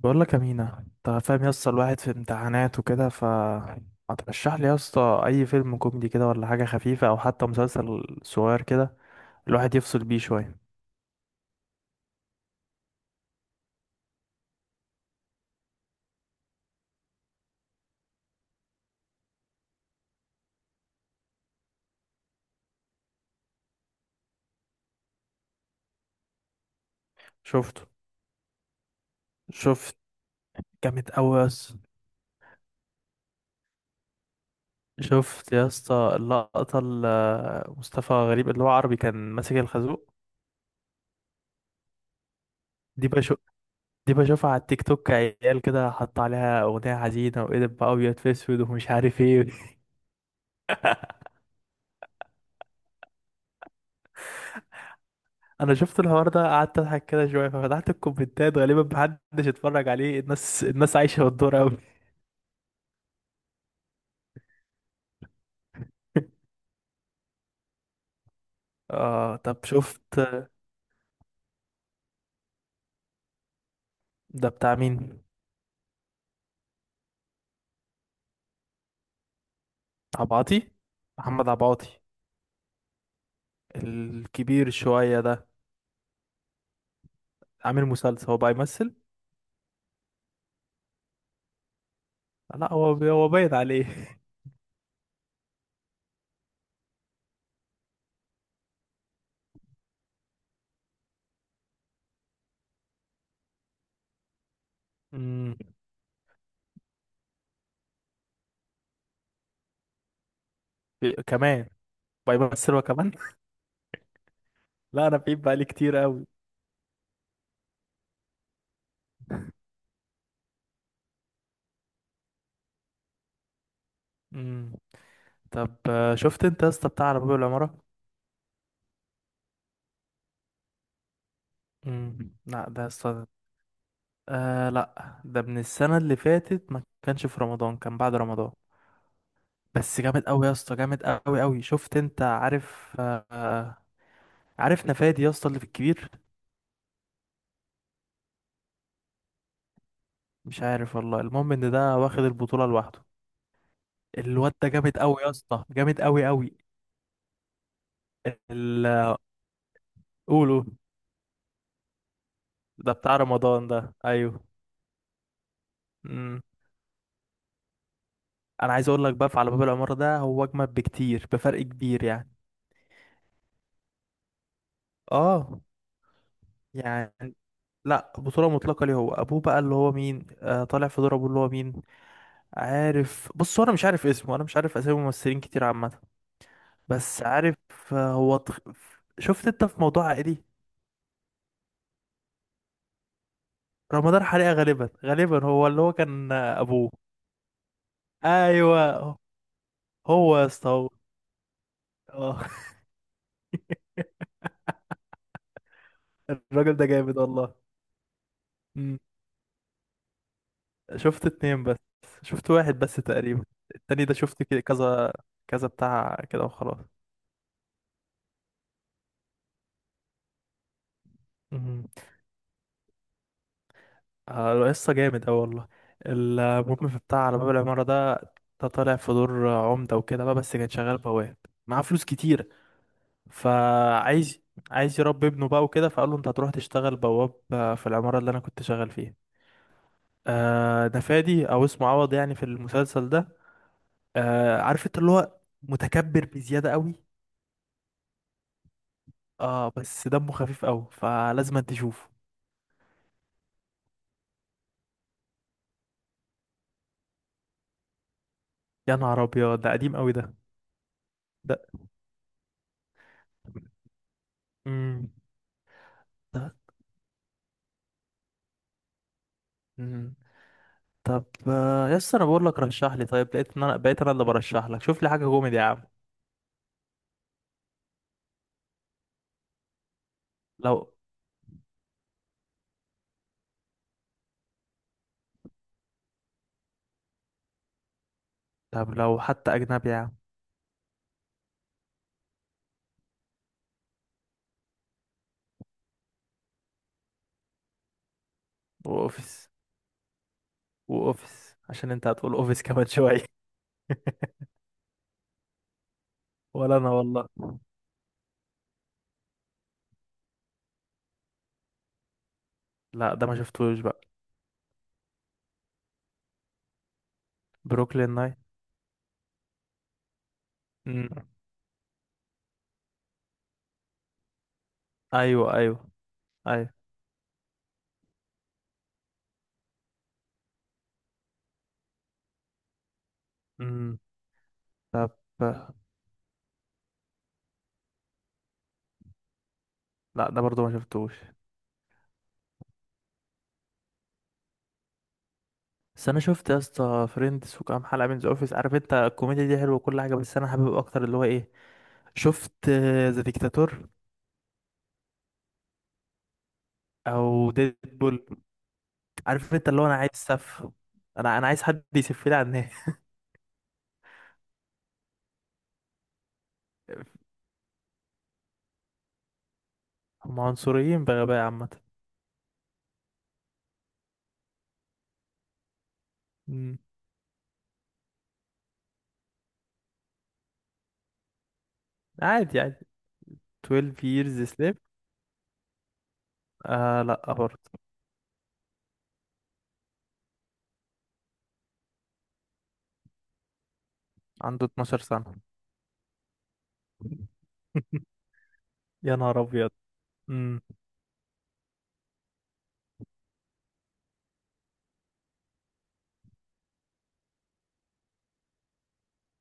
بقول لك يا مينا، انت فاهم يا اسطى. الواحد في امتحانات وكده، ف ما ترشح لي يا اسطى اي فيلم كوميدي كده ولا حاجه خفيفه او حتى مسلسل صغير كده، الواحد يفصل بيه شويه. شفته. شفت. جامد قوي يا اسطى. شفت يا اسطى اللقطه اللي مصطفى غريب اللي هو عربي كان ماسك الخازوق؟ دي بشوف. دي بشوفها على التيك توك، عيال كده حط عليها اغنيه حزينه وقلب بقى ابيض في اسود ومش عارف ايه. انا شفت الحوار ده قعدت اضحك كده شويه، ففتحت الكومنتات غالبا محدش اتفرج عليه، الناس الناس عايشه بالدور قوي. اه، طب شفت؟ ده بتاع مين؟ عبعاطي، محمد عبعاطي، الكبير شويه ده؟ عامل مسلسل هو بقى يمثل؟ لا هو هو باين عليه. امم كمان بقى يمثل هو كمان. لا، انا بعيد بقالي كتير قوي. امم طب شفت انت يا اسطى بتاع على باب العماره؟ لا ده يا اسطى. آه لا، ده من السنة اللي فاتت، ما كانش في رمضان، كان بعد رمضان. بس جامد قوي يا اسطى، جامد قوي قوي. شفت انت؟ عارف عارف نفادي يا اسطى اللي في الكبير؟ مش عارف والله. المهم ان ده واخد البطولة لوحده. الواد ده جامد قوي يا اسطى، جامد قوي قوي. ال... قولوا. ده بتاع رمضان ده، ايوه. مم. انا عايز اقول لك بقى، في على باب العمارة ده هو اجمد بكتير بفرق كبير يعني. اه. يعني لا، بطولة مطلقة ليه هو. أبوه بقى اللي هو مين، طالع في دور أبوه اللي هو مين. عارف، بص هو، أنا مش عارف اسمه، أنا مش عارف أسامي ممثلين كتير عامة. بس عارف. آه هو تخ... شفت أنت في موضوع عائلي؟ رمضان حريقة غالبا غالبا هو اللي هو كان أبوه. أيوه. هو يا اسطى هو، آه، الراجل ده جامد والله. مم. شفت اتنين بس، شفت واحد بس تقريبا. التاني ده شفت كده كذا كذا بتاع كده وخلاص. مم. آه، قصة جامد أوي والله. المهم في بتاع على باب العمارة ده، ده طالع في دور عمدة وكده بقى، بس كان شغال بواب، معاه فلوس كتير. فعايز، عايز يربي ابنه بقى وكده، فقال له انت هتروح تشتغل بواب في العمارة اللي انا كنت شغال فيها. آه ده فادي او اسمه عوض يعني في المسلسل ده. آه عارف انت اللي هو متكبر بزيادة قوي. اه، بس دمه خفيف قوي فلازم تشوفه. يا نهار ابيض، ده قديم قوي ده. ده. مم. ده. طب يس، انا بقول لك رشح لي، طيب لقيت ان انا بقيت انا اللي برشح لك، شوف لي حاجه كوميدي يا عم. لو، طب لو حتى اجنبي يا عم. واوفيس. واوفيس عشان انت هتقول اوفيس كمان شويه. ولا انا والله. لا ده ما شفتوش بقى. بروكلين ناين. مم. ايوه، ايوه. ايوه. مم. طب آه، لا ده برضو ما شفتوش. بس انا شفت يا اسطى فريندز وكام حلقه من ذا اوفيس، عارف انت الكوميديا دي حلوه وكل حاجه، بس انا حابب اكتر اللي هو ايه. شفت ذا ديكتاتور، او ديدبول. عارف انت اللي هو انا عايز سف، انا عايز حد يسف لي على الناس. هم عنصريين بغباء عامة. مم. عادي، عادي. 12 years slave. آه لا برضه. عنده 12 سنة. يا نهار ابيض. مم.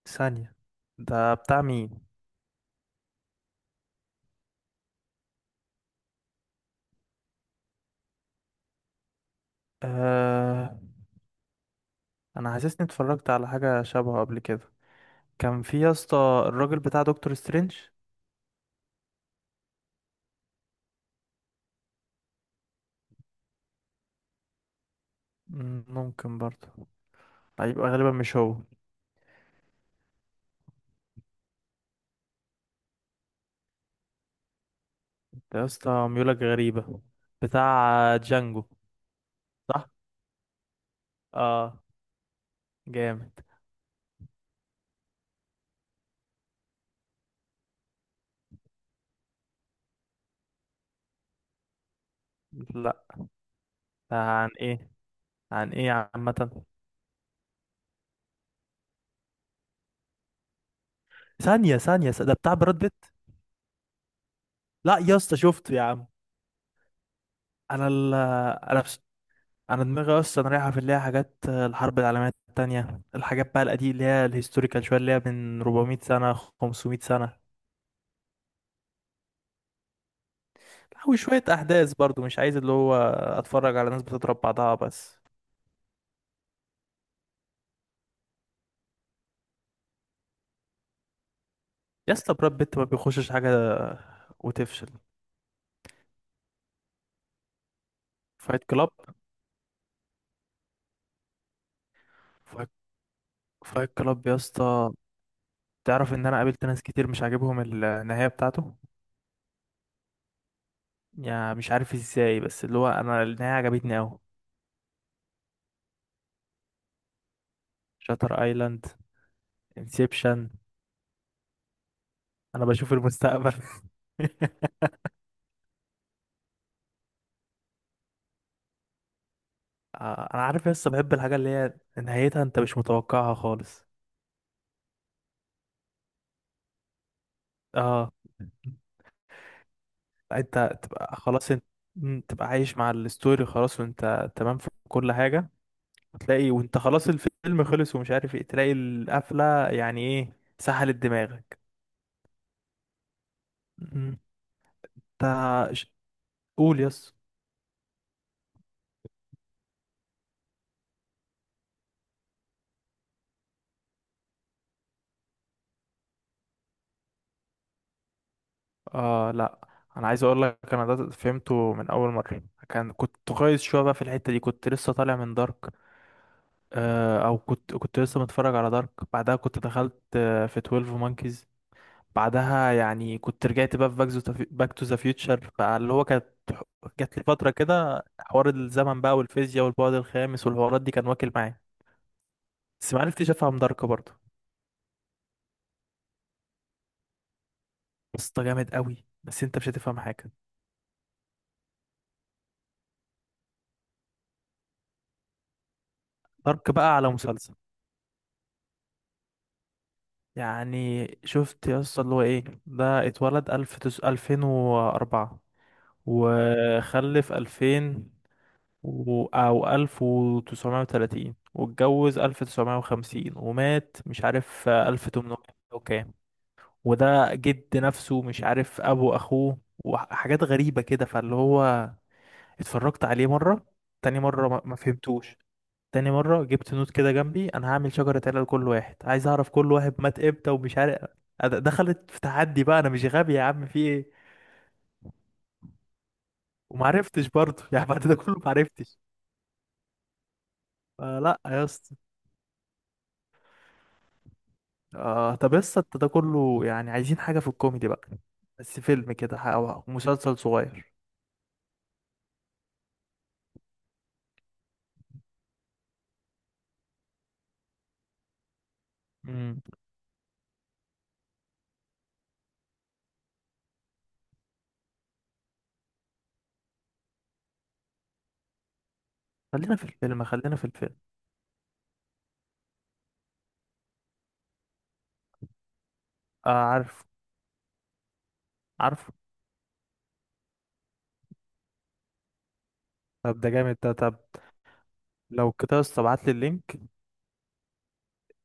ثانية، ده بتاع مين؟ آه، انا حاسسني اتفرجت على حاجة شبهه قبل كده. كان في يا اسطى الراجل بتاع دكتور سترينج. مم، ممكن برضه. هيبقى غالبا مش هو. ده يا اسطى ميولك غريبة. بتاع جانجو. صح. اه جامد. لا. عن ايه؟ عن ايه عامة؟ ثانية، ثانية، ده بتاع براد بيت؟ لا يا اسطى شفته يا عم. انا ال... انا بس، انا دماغي اصلا رايحة في اللي هي حاجات الحرب العالمية التانية، الحاجات بقى القديمة اللي هي الهيستوريكال شوية اللي هي من 400 سنة 500 سنة، وشوية احداث برضو مش عايز اللي هو اتفرج على ناس بتضرب بعضها بس. يا اسطى براد بيت ما بيخشش حاجة وتفشل. فايت كلاب. فايت، فايت كلاب يا اسطى، تعرف ان انا قابلت ناس كتير مش عاجبهم النهاية بتاعته؟ يعني مش عارف ازاي، بس اللي هو انا النهاية عجبتني اوي. شاتر ايلاند. انسبشن. انا بشوف المستقبل. انا عارف، لسه بحب الحاجة اللي هي نهايتها انت مش متوقعها خالص. اه. انت تبقى خلاص انت، مم، تبقى عايش مع الستوري خلاص وانت تمام في كل حاجة. وتلاقي وانت خلاص الفيلم خلص، ومش عارف ايه، تلاقي القفلة يعني ايه، سحلت دماغك. مم، انت ش- قول يس. اه لا، انا عايز اقول لك انا ده فهمته من اول مره. كان كنت كويس شويه بقى في الحته دي، كنت لسه طالع من دارك، او كنت لسه متفرج على دارك، بعدها كنت دخلت في 12 مونكيز، بعدها يعني كنت رجعت بقى في باك تو ذا فيوتشر، بقى اللي هو كانت جات لي فتره كده حوار الزمن بقى والفيزياء والبعد الخامس والحوارات دي كان واكل معايا. بس ما عرفتش افهم دارك برضه. بس ده جامد قوي، بس انت مش هتفهم حاجه. دارك بقى على مسلسل. يعني شفت يا اسطى اللي هو ايه ده، اتولد الف تس...، 2004، وخلف 2000 و...، او 1930، واتجوز 1950، ومات مش عارف الف تمنمية وكام. وده جد نفسه، مش عارف ابو اخوه، وحاجات غريبة كده. فاللي هو اتفرجت عليه مرة، تاني مرة ما فهمتوش. تاني مرة جبت نوت كده جنبي، أنا هعمل شجرة عيلة لكل واحد، عايز أعرف كل واحد مات إمتى ومش عارف. دخلت في تحدي بقى أنا مش غبي يا عم في إيه. ومعرفتش برضه. يعني بعد ده كله معرفتش. فلا يا اسطى. آه طب يا اسطى أنت ده كله، يعني عايزين حاجة في الكوميدي بقى، بس فيلم كده أو مسلسل صغير. مم. خلينا في الفيلم، خلينا في الفيلم. آه عارف، عارف. طب ده جامد ده. طب لو كده يا اسطى ابعت لي اللينك.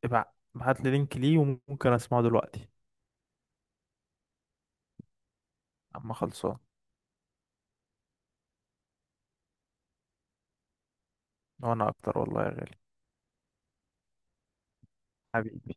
ابعت لي لينك ليه وممكن أسمعه دلوقتي. أما خلصان. وانا اكتر والله يا غالي. حبيبي.